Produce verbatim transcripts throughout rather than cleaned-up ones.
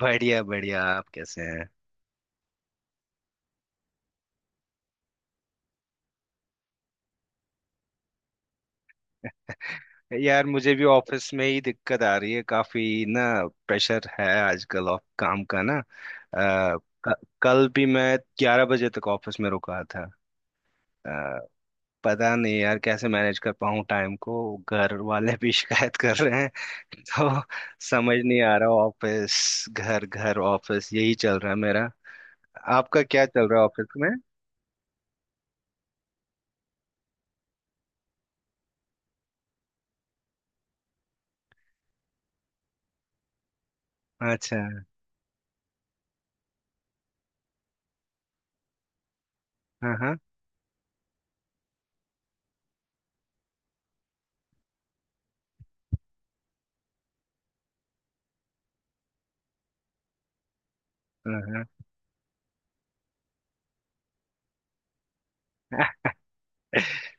बढ़िया बढ़िया, आप कैसे हैं? यार, मुझे भी ऑफिस में ही दिक्कत आ रही है काफी ना। प्रेशर है आजकल ऑफ काम का ना। अ, क- कल भी मैं ग्यारह बजे तक ऑफिस में रुका था। अ, पता नहीं यार कैसे मैनेज कर पाऊँ टाइम को। घर वाले भी शिकायत कर रहे हैं तो समझ नहीं आ रहा। ऑफिस घर, घर ऑफिस, यही चल रहा है मेरा। आपका क्या चल रहा है ऑफिस में? अच्छा। हाँ हाँ। हाँ हाँ।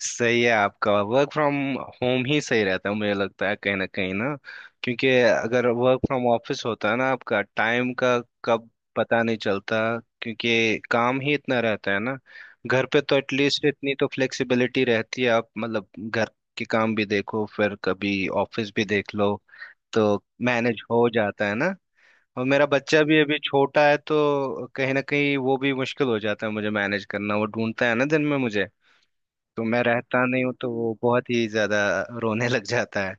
सही है, आपका वर्क फ्रॉम होम ही सही रहता है मुझे लगता है, कहीं ना कहीं ना। क्योंकि अगर वर्क फ्रॉम ऑफिस होता है ना, आपका टाइम का कब पता नहीं चलता, क्योंकि काम ही इतना रहता है ना। घर पे तो एटलीस्ट इतनी तो फ्लेक्सिबिलिटी रहती है, आप मतलब घर के काम भी देखो फिर कभी ऑफिस भी देख लो, तो मैनेज हो जाता है ना। और मेरा बच्चा भी अभी छोटा है, तो कहीं ना कहीं वो भी मुश्किल हो जाता है मुझे मैनेज करना। वो ढूंढता है ना दिन में मुझे, तो मैं रहता नहीं हूँ तो वो बहुत ही ज्यादा रोने लग जाता है।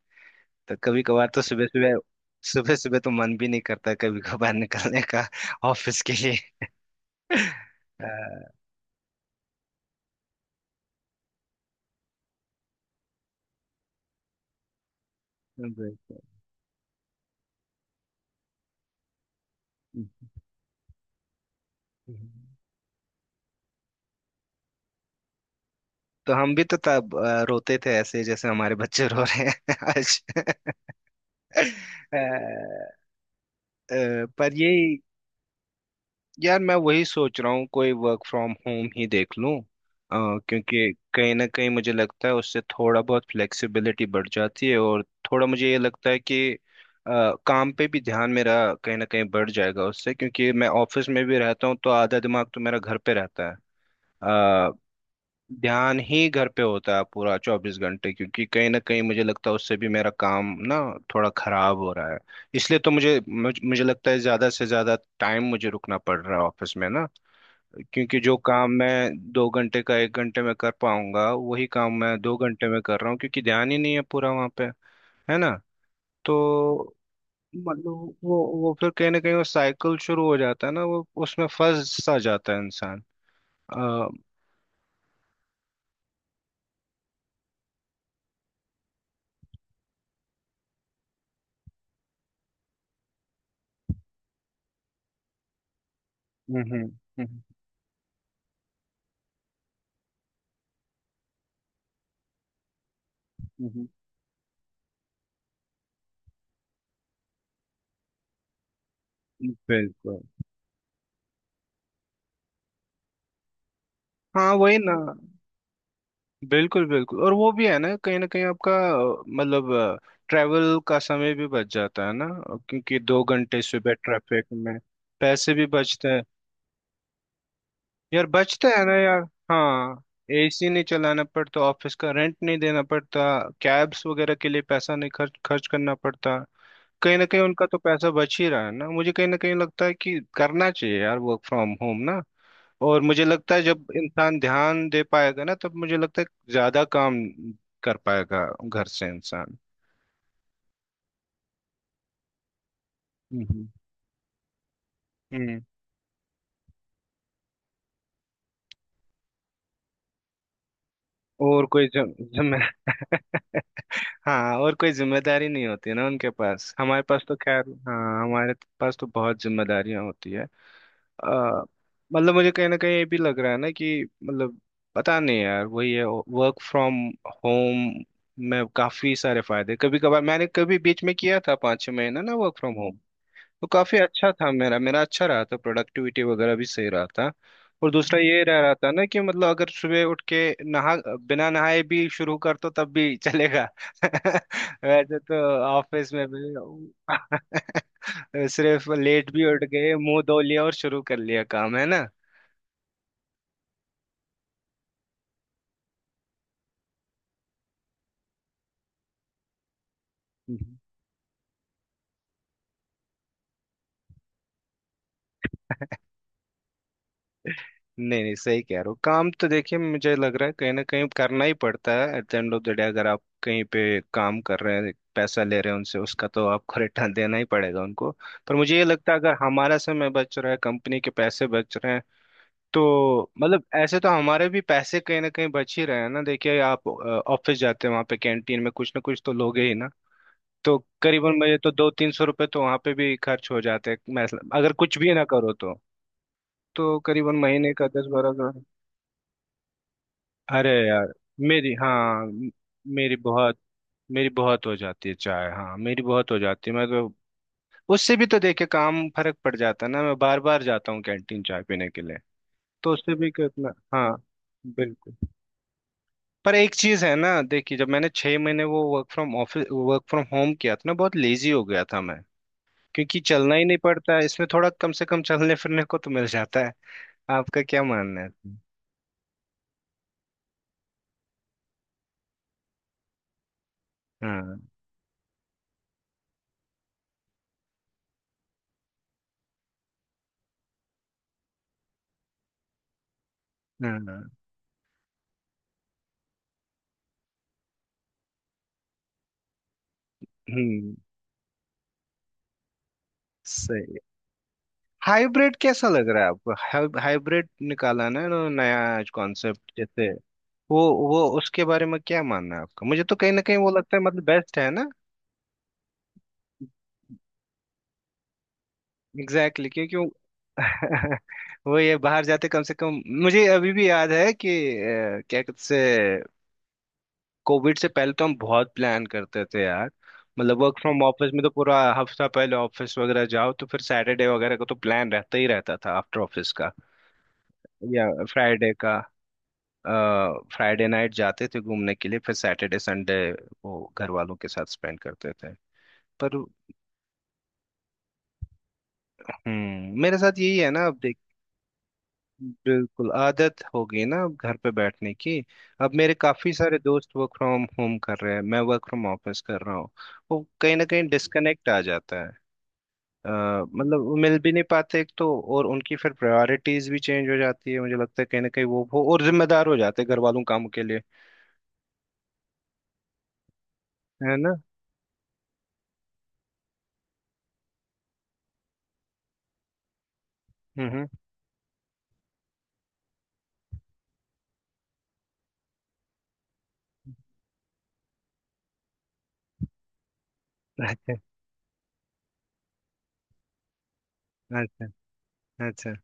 तो कभी कभार तो सुबह सुबह, सुबह सुबह तो मन भी नहीं करता कभी कभार निकलने का ऑफिस के लिए। अ, बिल्कुल। तो हम भी तो तब अ, रोते थे ऐसे जैसे हमारे बच्चे रो रहे हैं आज। अ, अ, पर ये, यार मैं वही सोच रहा हूँ कोई वर्क फ्रॉम होम ही देख लूँ। अ, क्योंकि कहीं ना कहीं मुझे लगता है उससे थोड़ा बहुत फ्लेक्सिबिलिटी बढ़ जाती है, और थोड़ा मुझे ये लगता है कि अ, काम पे भी ध्यान मेरा कहीं ना कहीं बढ़ जाएगा उससे। क्योंकि मैं ऑफिस में भी रहता हूँ तो आधा दिमाग तो मेरा घर पे रहता है। अ, ध्यान ही घर पे होता है पूरा चौबीस घंटे, क्योंकि कहीं ना कहीं मुझे लगता है उससे भी मेरा काम ना थोड़ा खराब हो रहा है। इसलिए तो मुझे मुझे, मुझे लगता है ज्यादा से ज्यादा टाइम मुझे रुकना पड़ रहा है ऑफिस में ना। क्योंकि जो काम मैं दो घंटे का एक घंटे में कर पाऊंगा, वही काम मैं दो घंटे में कर रहा हूँ, क्योंकि ध्यान ही नहीं है पूरा वहां पे। है ना? तो मतलब वो वो फिर कहीं ना कहीं वो साइकिल शुरू हो जाता है ना, वो उसमें फंस सा जाता है इंसान। अ, हम्म हम्म हम्म, हम्म, हम्म। बिल्कुल। हाँ वही ना। बिल्कुल बिल्कुल। और वो भी है ना, कहीं ना कहीं आपका अ, मतलब ट्रैवल का समय भी बच जाता है ना, क्योंकि दो घंटे सुबह ट्रैफिक में। पैसे भी बचते हैं, यार बचता है ना यार। हाँ। एसी नहीं चलाना पड़ता, ऑफिस का रेंट नहीं देना पड़ता, कैब्स वगैरह के लिए पैसा नहीं खर्च खर्च करना पड़ता। कहीं ना कहीं उनका तो पैसा बच ही रहा है ना। मुझे कहीं ना कहीं लगता है कि करना चाहिए यार वर्क फ्रॉम होम ना। और मुझे लगता है जब इंसान ध्यान दे पाएगा ना, तब मुझे लगता है ज्यादा काम कर पाएगा घर से इंसान। हम्म हम्म। और कोई जम, जम हाँ, और कोई जिम्मेदारी नहीं होती है ना उनके पास, हमारे पास तो खैर हाँ, हमारे पास तो बहुत जिम्मेदारियां होती है। अ, मतलब मुझे कहीं ना कहीं ये भी लग रहा है ना कि मतलब पता नहीं यार, वही है वर्क फ्रॉम होम में काफी सारे फायदे। कभी कभार मैंने कभी बीच में किया था पाँच छह महीना ना वर्क फ्रॉम होम, तो काफी अच्छा था। मेरा मेरा अच्छा रहा था, प्रोडक्टिविटी वगैरह भी सही रहा था। और दूसरा ये रह रहा था ना कि मतलब अगर सुबह उठ के नहा, बिना नहाए भी शुरू कर तो तब भी चलेगा। वैसे तो ऑफिस में भी सिर्फ लेट भी उठ गए, मुंह धो लिया और शुरू कर लिया काम। है ना? नहीं नहीं सही कह रहे हो। काम तो देखिए मुझे लग रहा है कहीं ना कहीं करना ही पड़ता है, at the end of the day, अगर आप कहीं पे काम कर रहे हैं पैसा ले रहे हैं उनसे, उसका तो आपको रिटर्न देना ही पड़ेगा उनको। पर मुझे ये लगता है अगर हमारा समय बच रहा है, कंपनी के पैसे बच रहे हैं, तो मतलब ऐसे तो हमारे भी पैसे कहीं ना कहीं बच ही रहे हैं ना। देखिए आप ऑफिस जाते हैं वहाँ पे कैंटीन में कुछ ना कुछ तो लोगे ही ना। तो करीबन मुझे तो दो तीन सौ रुपये तो वहाँ पे भी खर्च हो जाते हैं, मैं अगर कुछ भी ना करो तो। तो करीबन महीने का दस बारह। अरे यार, मेरी हाँ म- मेरी बहुत मेरी बहुत हो जाती है चाय। हाँ, मेरी बहुत हो जाती है, मैं तो उससे भी तो देखे काम फर्क पड़ जाता है ना। मैं बार बार जाता हूँ कैंटीन चाय पीने के लिए, तो उससे भी कितना। हाँ, बिल्कुल। पर एक चीज है ना, देखिए जब मैंने छह महीने वो work from office work from home किया था ना, बहुत लेजी हो गया था मैं। क्योंकि चलना ही नहीं पड़ता है इसमें, थोड़ा कम से कम चलने फिरने को तो मिल जाता है। आपका क्या मानना है? हाँ हाँ हाँ, हम्म। सही। हाइब्रिड कैसा लग रहा है आपको? हाइ- हाइब्रिड निकाला ना इन्होंने नया कॉन्सेप्ट। जैसे वो वो उसके बारे में क्या मानना है आपका? मुझे तो कहीं ना कहीं वो लगता है मतलब बेस्ट है ना। एग्जैक्टली exactly, क्योंकि वो वो ये बाहर जाते कम से कम। मुझे अभी भी याद है कि अ, क्या कहते से कोविड से पहले तो हम बहुत प्लान करते थे यार। मतलब वर्क फ्रॉम ऑफिस में तो पूरा हफ्ता पहले ऑफिस वगैरह जाओ तो फिर सैटरडे वगैरह का तो प्लान रहता ही रहता था आफ्टर ऑफिस का, या फ्राइडे का। फ्राइडे नाइट जाते थे घूमने के लिए, फिर सैटरडे संडे वो घर वालों के साथ स्पेंड करते थे। पर हम्म, मेरे साथ यही है ना, अब देख, बिल्कुल आदत हो गई ना अब घर पे बैठने की। अब मेरे काफी सारे दोस्त वर्क फ्रॉम होम कर रहे हैं, मैं वर्क फ्रॉम ऑफिस कर रहा हूँ, वो कहीं ना कहीं डिस्कनेक्ट आ जाता है। अ, मतलब वो मिल भी नहीं पाते एक तो, और उनकी फिर प्रायोरिटीज भी चेंज हो जाती है। मुझे लगता है कहीं ना कहीं वो वो और जिम्मेदार हो जाते हैं घर वालों कामों के लिए। है ना? हम्म हम्म। अच्छा अच्छा अच्छा।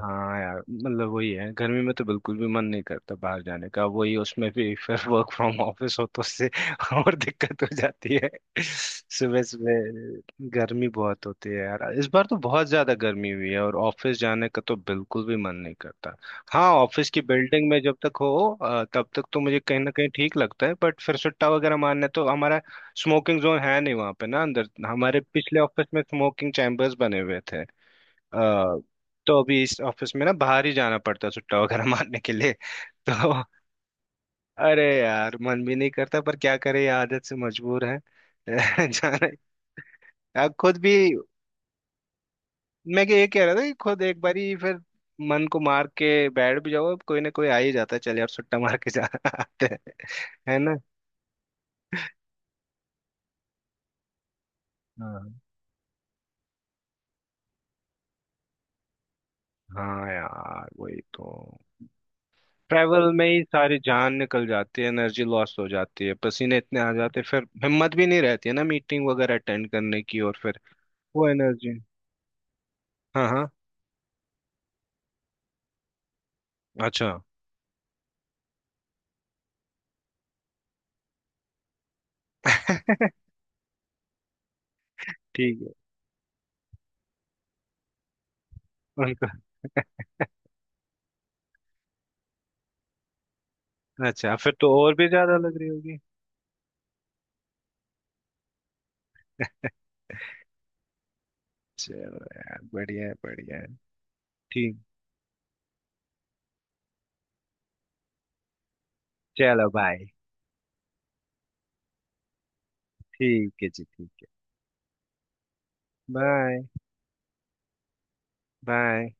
हाँ यार, मतलब वही है, गर्मी में तो बिल्कुल भी मन नहीं करता बाहर जाने का, वही उसमें भी फिर वर्क फ्रॉम ऑफिस हो तो उससे और दिक्कत हो जाती है। सुबह सुबह गर्मी बहुत होती है यार, इस बार तो बहुत ज्यादा गर्मी हुई है, और ऑफिस जाने का तो बिल्कुल भी मन नहीं करता। हाँ, ऑफिस की बिल्डिंग में जब तक हो अ, तब तक तो मुझे कहीं ना कहीं ठीक लगता है, बट फिर सुट्टा वगैरह मारने तो हमारा स्मोकिंग जोन है नहीं वहाँ पे ना। अंदर हमारे पिछले ऑफिस में स्मोकिंग चैम्बर्स बने हुए थे। अ, तो अभी इस ऑफिस में ना बाहर ही जाना पड़ता है सुट्टा वगैरह मारने के लिए तो। अरे यार, मन भी नहीं करता पर क्या करे, ये आदत से मजबूर है जाना। अब खुद भी, मैं क्या- ये कह रहा था कि खुद एक बारी फिर मन को मार के बैठ भी जाओ, अब कोई ना कोई आ ही जाता है, चल यार सुट्टा मार के जा आते हैं। है ना? हाँ। हाँ यार वही तो। ट्रैवल में ही सारी जान निकल जाती है, एनर्जी लॉस हो जाती है, पसीने इतने आ जाते हैं, फिर हिम्मत भी नहीं रहती है ना मीटिंग वगैरह अटेंड करने की, और फिर वो एनर्जी। हाँ हाँ। अच्छा। ठीक है। उनका। अच्छा, फिर तो और भी ज्यादा लग रही होगी। चलो यार, बढ़िया है बढ़िया है। ठीक। चलो बाय। ठीक है जी, ठीक है। बाय। बाय।